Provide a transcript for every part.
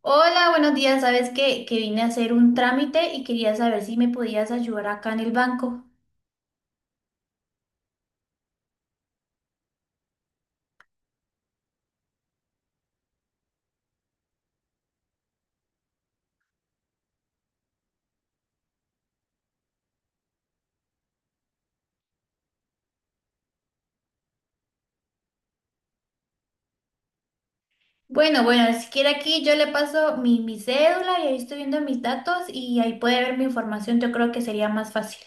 Hola, buenos días. Sabes que vine a hacer un trámite y quería saber si me podías ayudar acá en el banco. Bueno, bueno, si quiere aquí yo le paso mi cédula y ahí estoy viendo mis datos y ahí puede ver mi información. Yo creo que sería más fácil.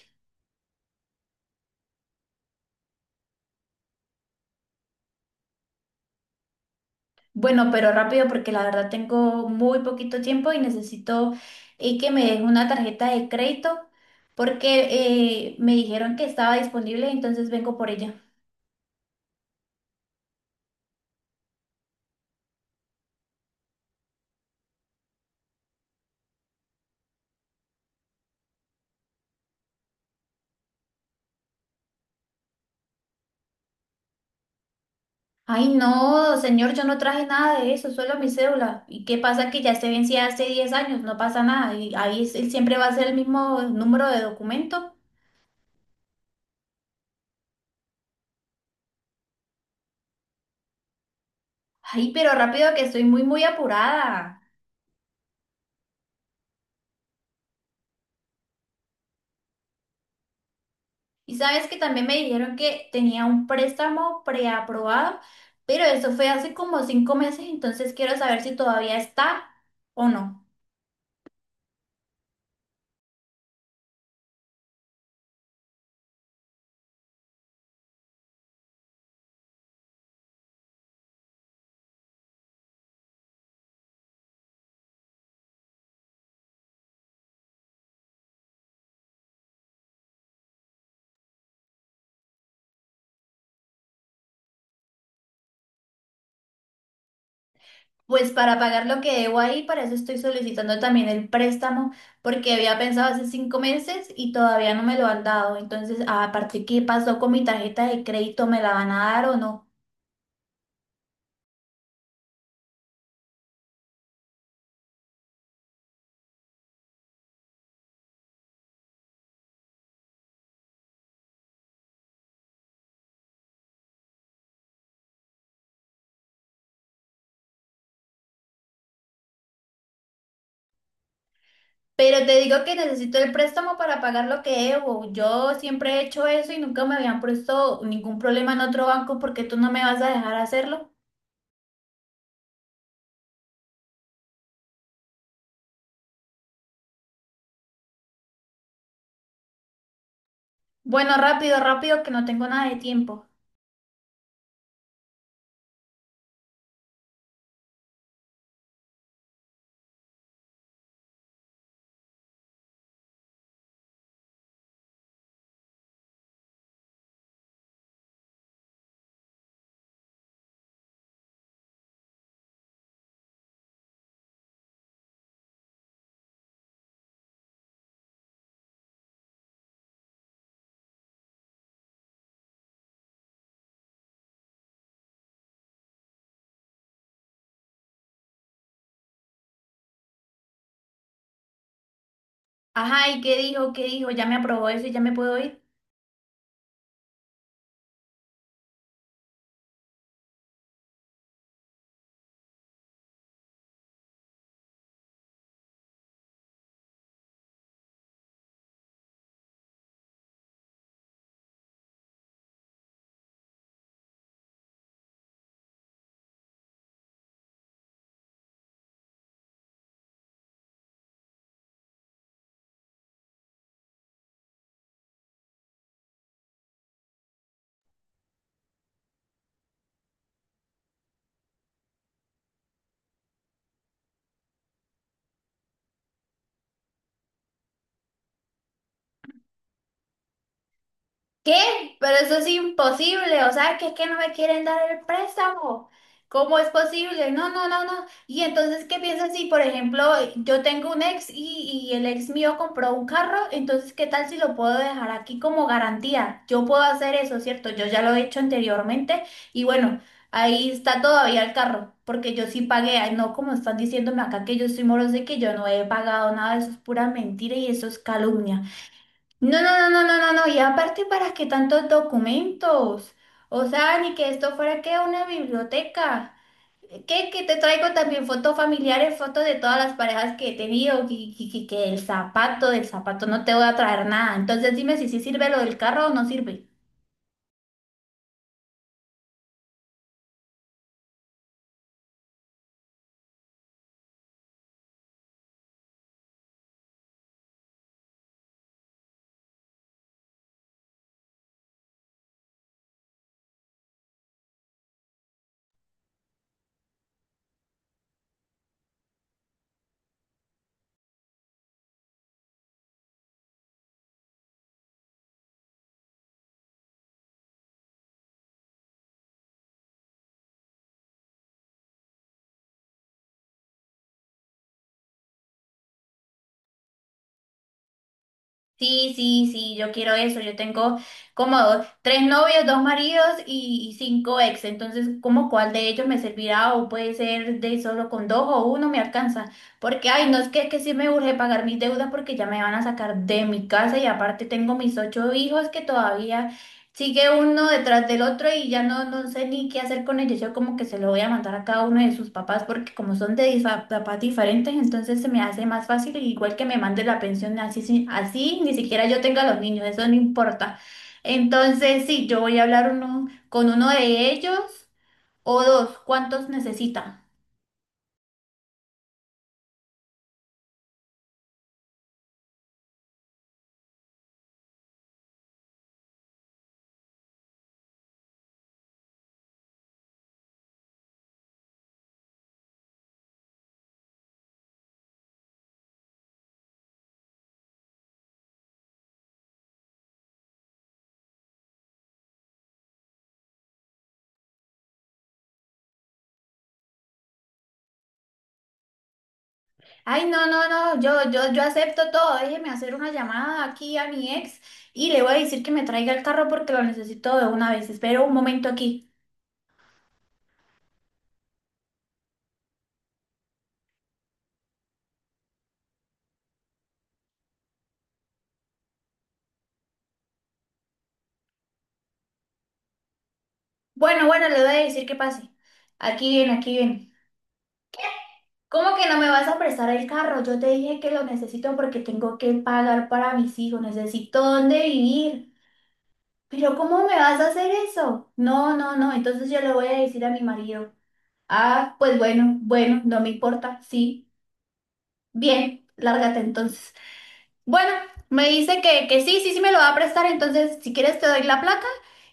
Bueno, pero rápido porque la verdad tengo muy poquito tiempo y necesito que me deje una tarjeta de crédito porque me dijeron que estaba disponible, entonces vengo por ella. Ay, no, señor, yo no traje nada de eso, solo mi cédula. ¿Y qué pasa que ya se vencía hace 10 años? No pasa nada. Y ahí él siempre va a ser el mismo número de documento. Ay, pero rápido que estoy muy, muy apurada. Y sabes que también me dijeron que tenía un préstamo preaprobado, pero eso fue hace como 5 meses, entonces quiero saber si todavía está o no. Pues para pagar lo que debo ahí, para eso estoy solicitando también el préstamo, porque había pensado hace 5 meses y todavía no me lo han dado. Entonces, aparte, ¿qué pasó con mi tarjeta de crédito? ¿Me la van a dar o no? Pero te digo que necesito el préstamo para pagar lo que debo. Yo siempre he hecho eso y nunca me habían puesto ningún problema en otro banco porque tú no me vas a dejar hacerlo. Bueno, rápido, rápido, que no tengo nada de tiempo. Ajá, ¿y qué dijo? ¿Qué dijo? ¿Ya me aprobó eso y ya me puedo ir? ¿Qué? Pero eso es imposible, o sea, que es que no me quieren dar el préstamo. ¿Cómo es posible? No, no, no, no. Y entonces, ¿qué piensas si, por ejemplo, yo tengo un ex y el ex mío compró un carro? Entonces, ¿qué tal si lo puedo dejar aquí como garantía? Yo puedo hacer eso, ¿cierto? Yo ya lo he hecho anteriormente y bueno, ahí está todavía el carro, porque yo sí pagué, ay, no como están diciéndome acá que yo soy morosa y que yo no he pagado nada, eso es pura mentira y eso es calumnia. No, no, no, no, no, no, no. Y aparte, ¿para qué tantos documentos? O sea, ni que esto fuera que una biblioteca. ¿Qué? Que te traigo también fotos familiares, fotos de todas las parejas que he tenido, que el zapato del zapato no te voy a traer nada. Entonces dime si sí sirve lo del carro o no sirve. Sí, sí, sí, yo quiero eso. Yo tengo como tres novios, dos maridos y cinco ex. Entonces, ¿cómo cuál de ellos me servirá? O puede ser de solo con dos o uno me alcanza. Porque, ay, no es que sí me urge pagar mis deudas porque ya me van a sacar de mi casa y aparte tengo mis ocho hijos que todavía sigue uno detrás del otro y ya no, no sé ni qué hacer con ellos. Yo como que se lo voy a mandar a cada uno de sus papás porque como son de papás diferentes, entonces se me hace más fácil, igual que me mande la pensión así, así ni siquiera yo tenga los niños, eso no importa. Entonces, sí, yo voy a hablar con uno de ellos o dos, ¿cuántos necesita? Ay, no, no, no, yo acepto todo. Déjeme hacer una llamada aquí a mi ex y le voy a decir que me traiga el carro porque lo necesito de una vez. Espero un momento aquí. Bueno, bueno, le voy a decir que pase. Aquí viene, aquí viene. ¿Cómo que no me vas a prestar el carro? Yo te dije que lo necesito porque tengo que pagar para mis hijos, necesito dónde vivir. Pero ¿cómo me vas a hacer eso? No, no, no, entonces yo le voy a decir a mi marido. Ah, pues bueno, bueno, no me importa, sí. Bien, lárgate entonces. Bueno, me dice que sí, sí, sí me lo va a prestar, entonces si quieres te doy la placa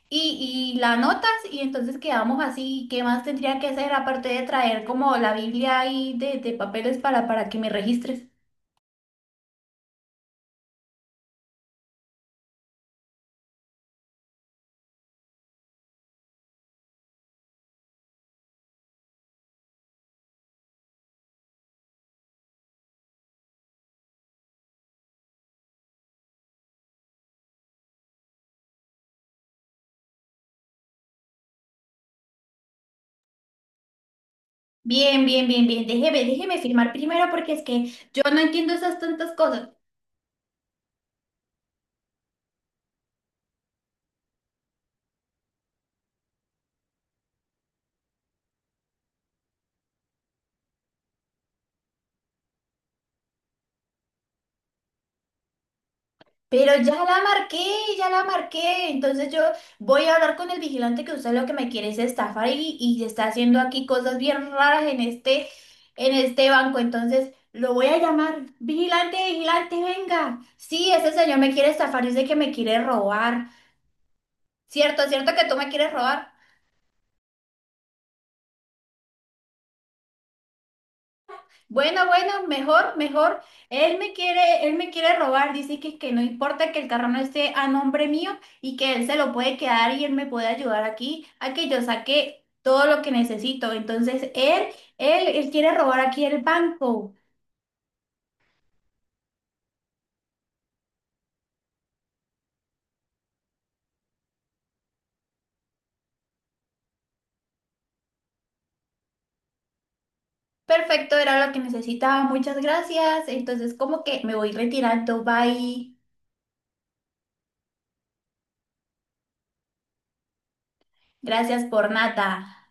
y la anotas y entonces quedamos así. ¿Qué más tendría que hacer aparte de traer como la Biblia ahí de papeles para que me registres? Bien, bien, bien, bien, déjeme, déjeme firmar primero porque es que yo no entiendo esas tantas cosas. Pero ya la marqué, ya la marqué. Entonces yo voy a hablar con el vigilante que usted lo que me quiere es estafar y está haciendo aquí cosas bien raras en este banco. Entonces lo voy a llamar. Vigilante, vigilante, venga. Sí, ese señor me quiere estafar, dice que me quiere robar. Cierto, cierto que tú me quieres robar. Bueno, bueno, mejor, mejor. Él me quiere robar, dice que no importa que el carro no esté a nombre mío y que él se lo puede quedar y él me puede ayudar aquí a que yo saque todo lo que necesito. Entonces, él quiere robar aquí el banco. Perfecto, era lo que necesitaba. Muchas gracias. Entonces, como que me voy retirando. Bye. Gracias por nada.